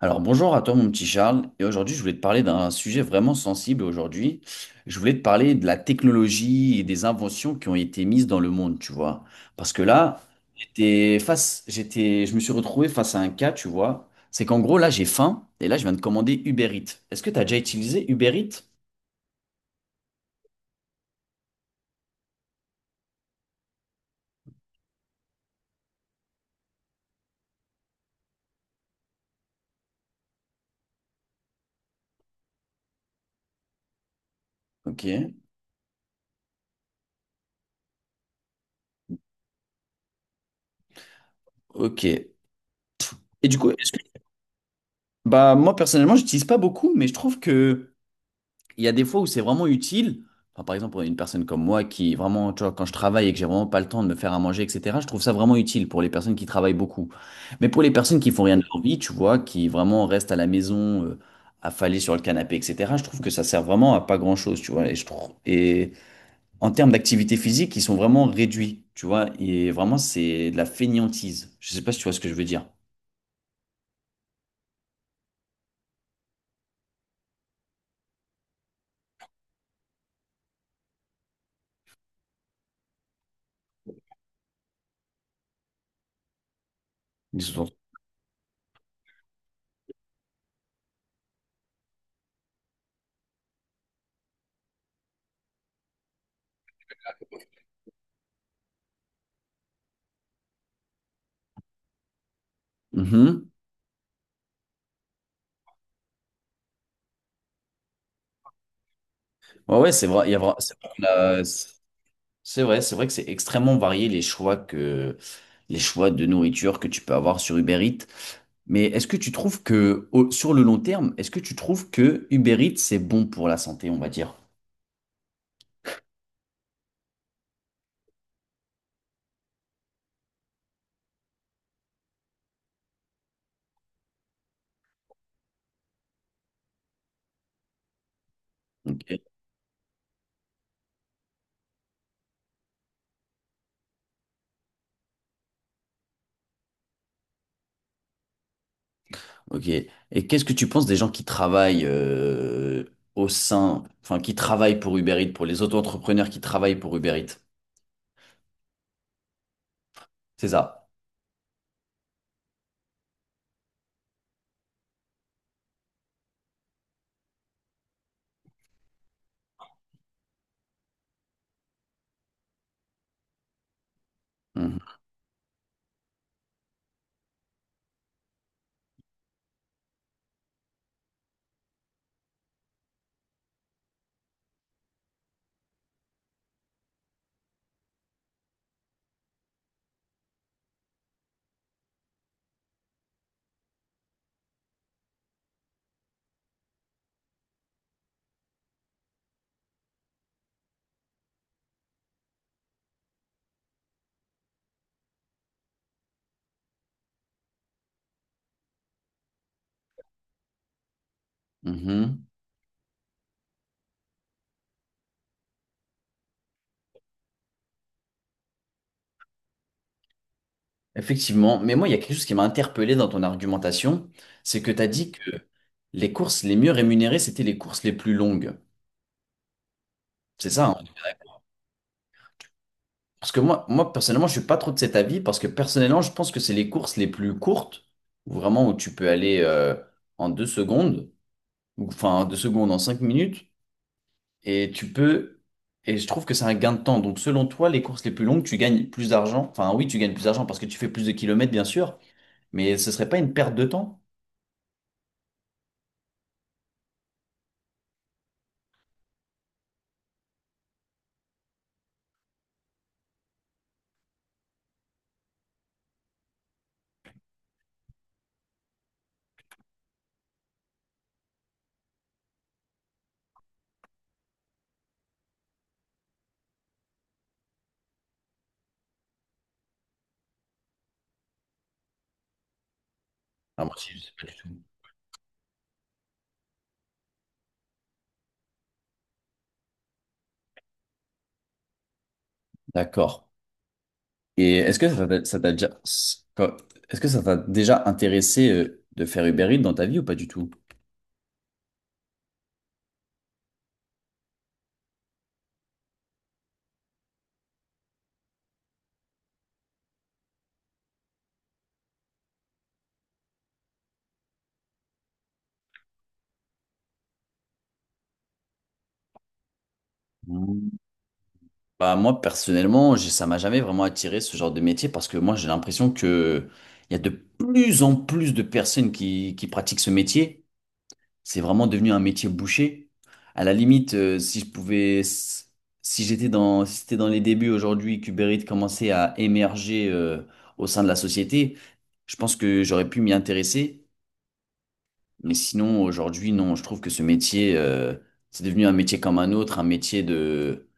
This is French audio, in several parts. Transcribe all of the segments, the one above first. Alors bonjour à toi mon petit Charles, et aujourd'hui je voulais te parler d'un sujet vraiment sensible aujourd'hui. Je voulais te parler de la technologie et des inventions qui ont été mises dans le monde, tu vois. Parce que là, j'étais, je me suis retrouvé face à un cas, tu vois. C'est qu'en gros là j'ai faim, et là je viens de commander Uber Eats. Est-ce que tu as déjà utilisé Uber Eats? Ok, ok. Et du coup, est-ce que... Bah moi personnellement j'utilise pas beaucoup, mais je trouve que il y a des fois où c'est vraiment utile. Enfin, par exemple, pour une personne comme moi qui vraiment, tu vois, quand je travaille et que j'ai vraiment pas le temps de me faire à manger, etc., je trouve ça vraiment utile pour les personnes qui travaillent beaucoup. Mais pour les personnes qui font rien de leur vie, tu vois, qui vraiment restent à la maison, affalées sur le canapé, etc., je trouve que ça sert vraiment à pas grand-chose, tu vois. Et je trouve, et en termes d'activité physique, ils sont vraiment réduits, tu vois. Et vraiment, c'est de la fainéantise. Je sais pas si tu vois ce que je veux dire. Ils sont- Mhm. Ouais, ouais, c'est vrai. Il y a vra- c'est vrai qu'on a- c'est vrai que c'est extrêmement varié, les choix de nourriture que tu peux avoir sur Uber Eats. Mais est-ce que tu trouves sur le long terme, est-ce que tu trouves que Uber Eats c'est bon pour la santé, on va dire? Ok. Ok. Et qu'est-ce que tu penses des gens qui travaillent au sein, enfin qui travaillent pour Uber Eats, pour les auto-entrepreneurs qui travaillent pour Uber Eats? C'est ça. Mhm. Mhm. Effectivement, mais moi, il y a quelque chose qui m'a interpellé dans ton argumentation, c'est que tu as dit que les courses les mieux rémunérées, c'était les courses les plus longues. C'est ça, hein? Parce que moi, personnellement, je suis pas trop de cet avis, parce que personnellement, je pense que c'est les courses les plus courtes, où vraiment où tu peux aller en deux secondes, ou enfin en deux secondes, en cinq minutes, et tu peux... Et je trouve que c'est un gain de temps. Donc, selon toi, les courses les plus longues, tu gagnes plus d'argent. Enfin, oui, tu gagnes plus d'argent parce que tu fais plus de kilomètres, bien sûr, mais ce serait pas une perte de temps? Ah, moi, si, je sais pas du tout. D'accord. Et est-ce que ça t'a déjà, quand- est-ce que ça t'a déjà intéressé de faire Uber Eats dans ta vie ou pas du tout? Mm. Bah, moi, personnellement, ça m'a jamais vraiment attiré ce genre de métier parce que moi, j'ai l'impression que il y a de plus en plus de personnes qui pratiquent ce métier. C'est vraiment devenu un métier bouché. À la limite, si je pouvais, si c'était dans les débuts aujourd'hui, qu'Uber Eats commençait à émerger au sein de la société, je pense que j'aurais pu m'y intéresser. Mais sinon, aujourd'hui, non, je trouve que ce métier, c'est devenu un métier comme un autre, un métier de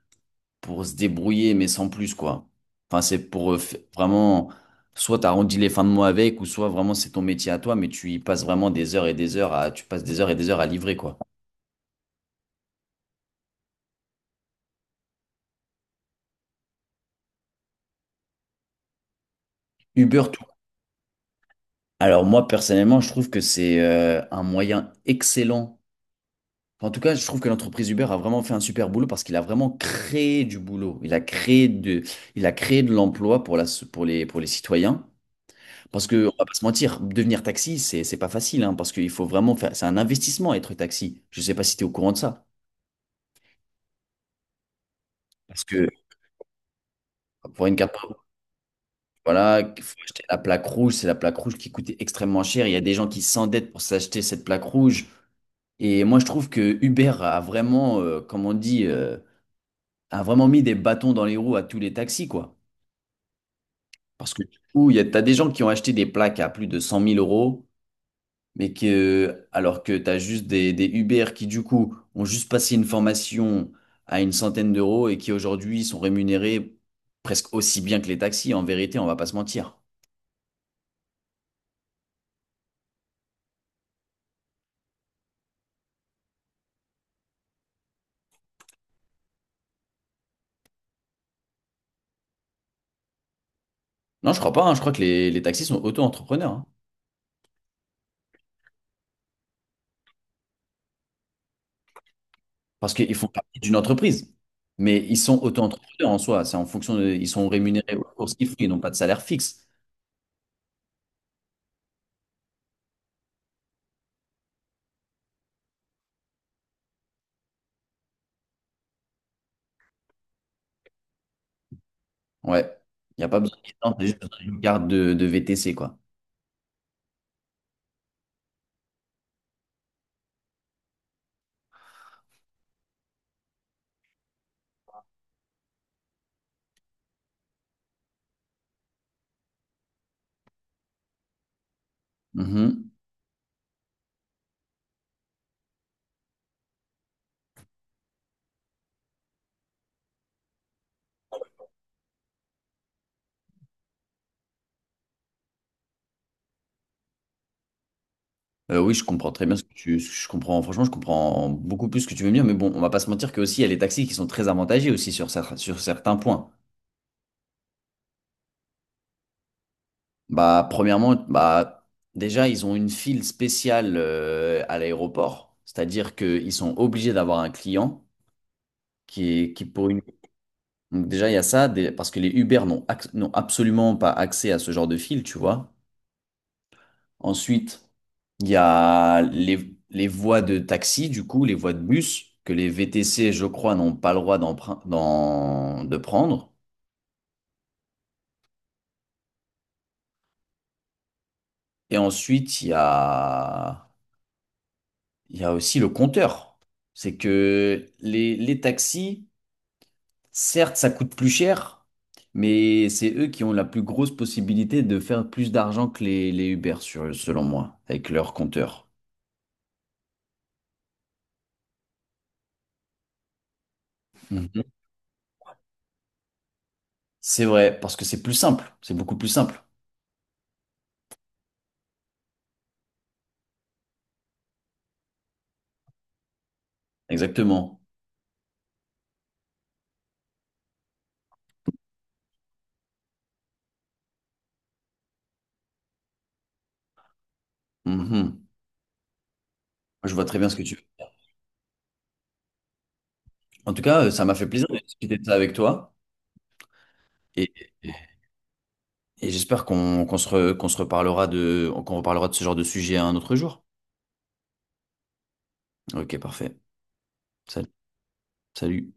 pour se débrouiller, mais sans plus, quoi. Enfin, c'est pour vraiment, soit t'arrondis les fins de mois avec, ou soit vraiment c'est ton métier à toi, mais tu y passes vraiment des heures et des heures à, tu passes des heures et des heures à livrer, quoi. Uber, tout. Alors moi, personnellement, je trouve que c'est un moyen excellent. En tout cas, je trouve que l'entreprise Uber a vraiment fait un super boulot parce qu'il a vraiment créé du boulot. Il a créé de l'emploi pour pour les citoyens. Parce que, on va pas se mentir, devenir taxi, c'est pas facile, hein, parce qu'il faut vraiment faire, c'est un investissement être taxi. Je sais pas si tu es au courant de ça. Parce que pour une carte, voilà, il faut acheter la plaque rouge, c'est la plaque rouge qui coûtait extrêmement cher. Il y a des gens qui s'endettent pour s'acheter cette plaque rouge. Et moi, je trouve que Uber a vraiment, comme on dit, a vraiment mis des bâtons dans les roues à tous les taxis, quoi. Parce que, du coup, t'as des gens qui ont acheté des plaques à plus de 100 000 euros, mais que alors que tu as des Uber qui du coup ont juste passé une formation à une centaine d'euros et qui aujourd'hui sont rémunérés presque aussi bien que les taxis, en vérité, on va pas se mentir. Non, je crois pas, hein. Je crois que les taxis sont auto-entrepreneurs, hein, parce qu'ils font partie d'une entreprise. Mais ils sont auto-entrepreneurs en soi, c'est en fonction de, ils sont rémunérés aux courses qu'ils font, ils n'ont pas de salaire fixe. Ouais, il n'y a pas besoin qu'ils tentent, c'est juste une carte de VTC, quoi. Mhm. Oui, je comprends très bien ce que ce que je comprends. Franchement, je comprends beaucoup plus ce que tu veux me dire, mais bon, on va pas se mentir que aussi il y a les taxis qui sont très avantagés aussi sur certains points. Bah, premièrement, déjà, ils ont une file spéciale à l'aéroport, c'est-à-dire qu'ils sont obligés d'avoir un client qui est qui pour une. Donc déjà, il y a ça, parce que les Uber n'ont absolument pas accès à ce genre de file, tu vois. Ensuite, il y a les voies de taxi, du coup, les voies de bus, que les VTC, je crois, n'ont pas le droit de prendre. Et ensuite, il y a aussi le compteur. C'est que les taxis, certes, ça coûte plus cher, mais c'est eux qui ont la plus grosse possibilité de faire plus d'argent que les Uber, selon moi, avec leur compteur. Mhm. C'est vrai, parce que c'est plus simple. C'est beaucoup plus simple. Exactement. Mhm. Je vois très bien ce que tu veux. En tout cas, ça m'a fait plaisir de discuter de ça avec toi. Et, et et j'espère qu'on qu'on se, re- qu'on se reparlera de, qu'on reparlera de ce genre de sujet un autre jour. Ok, parfait. Salut. Salut.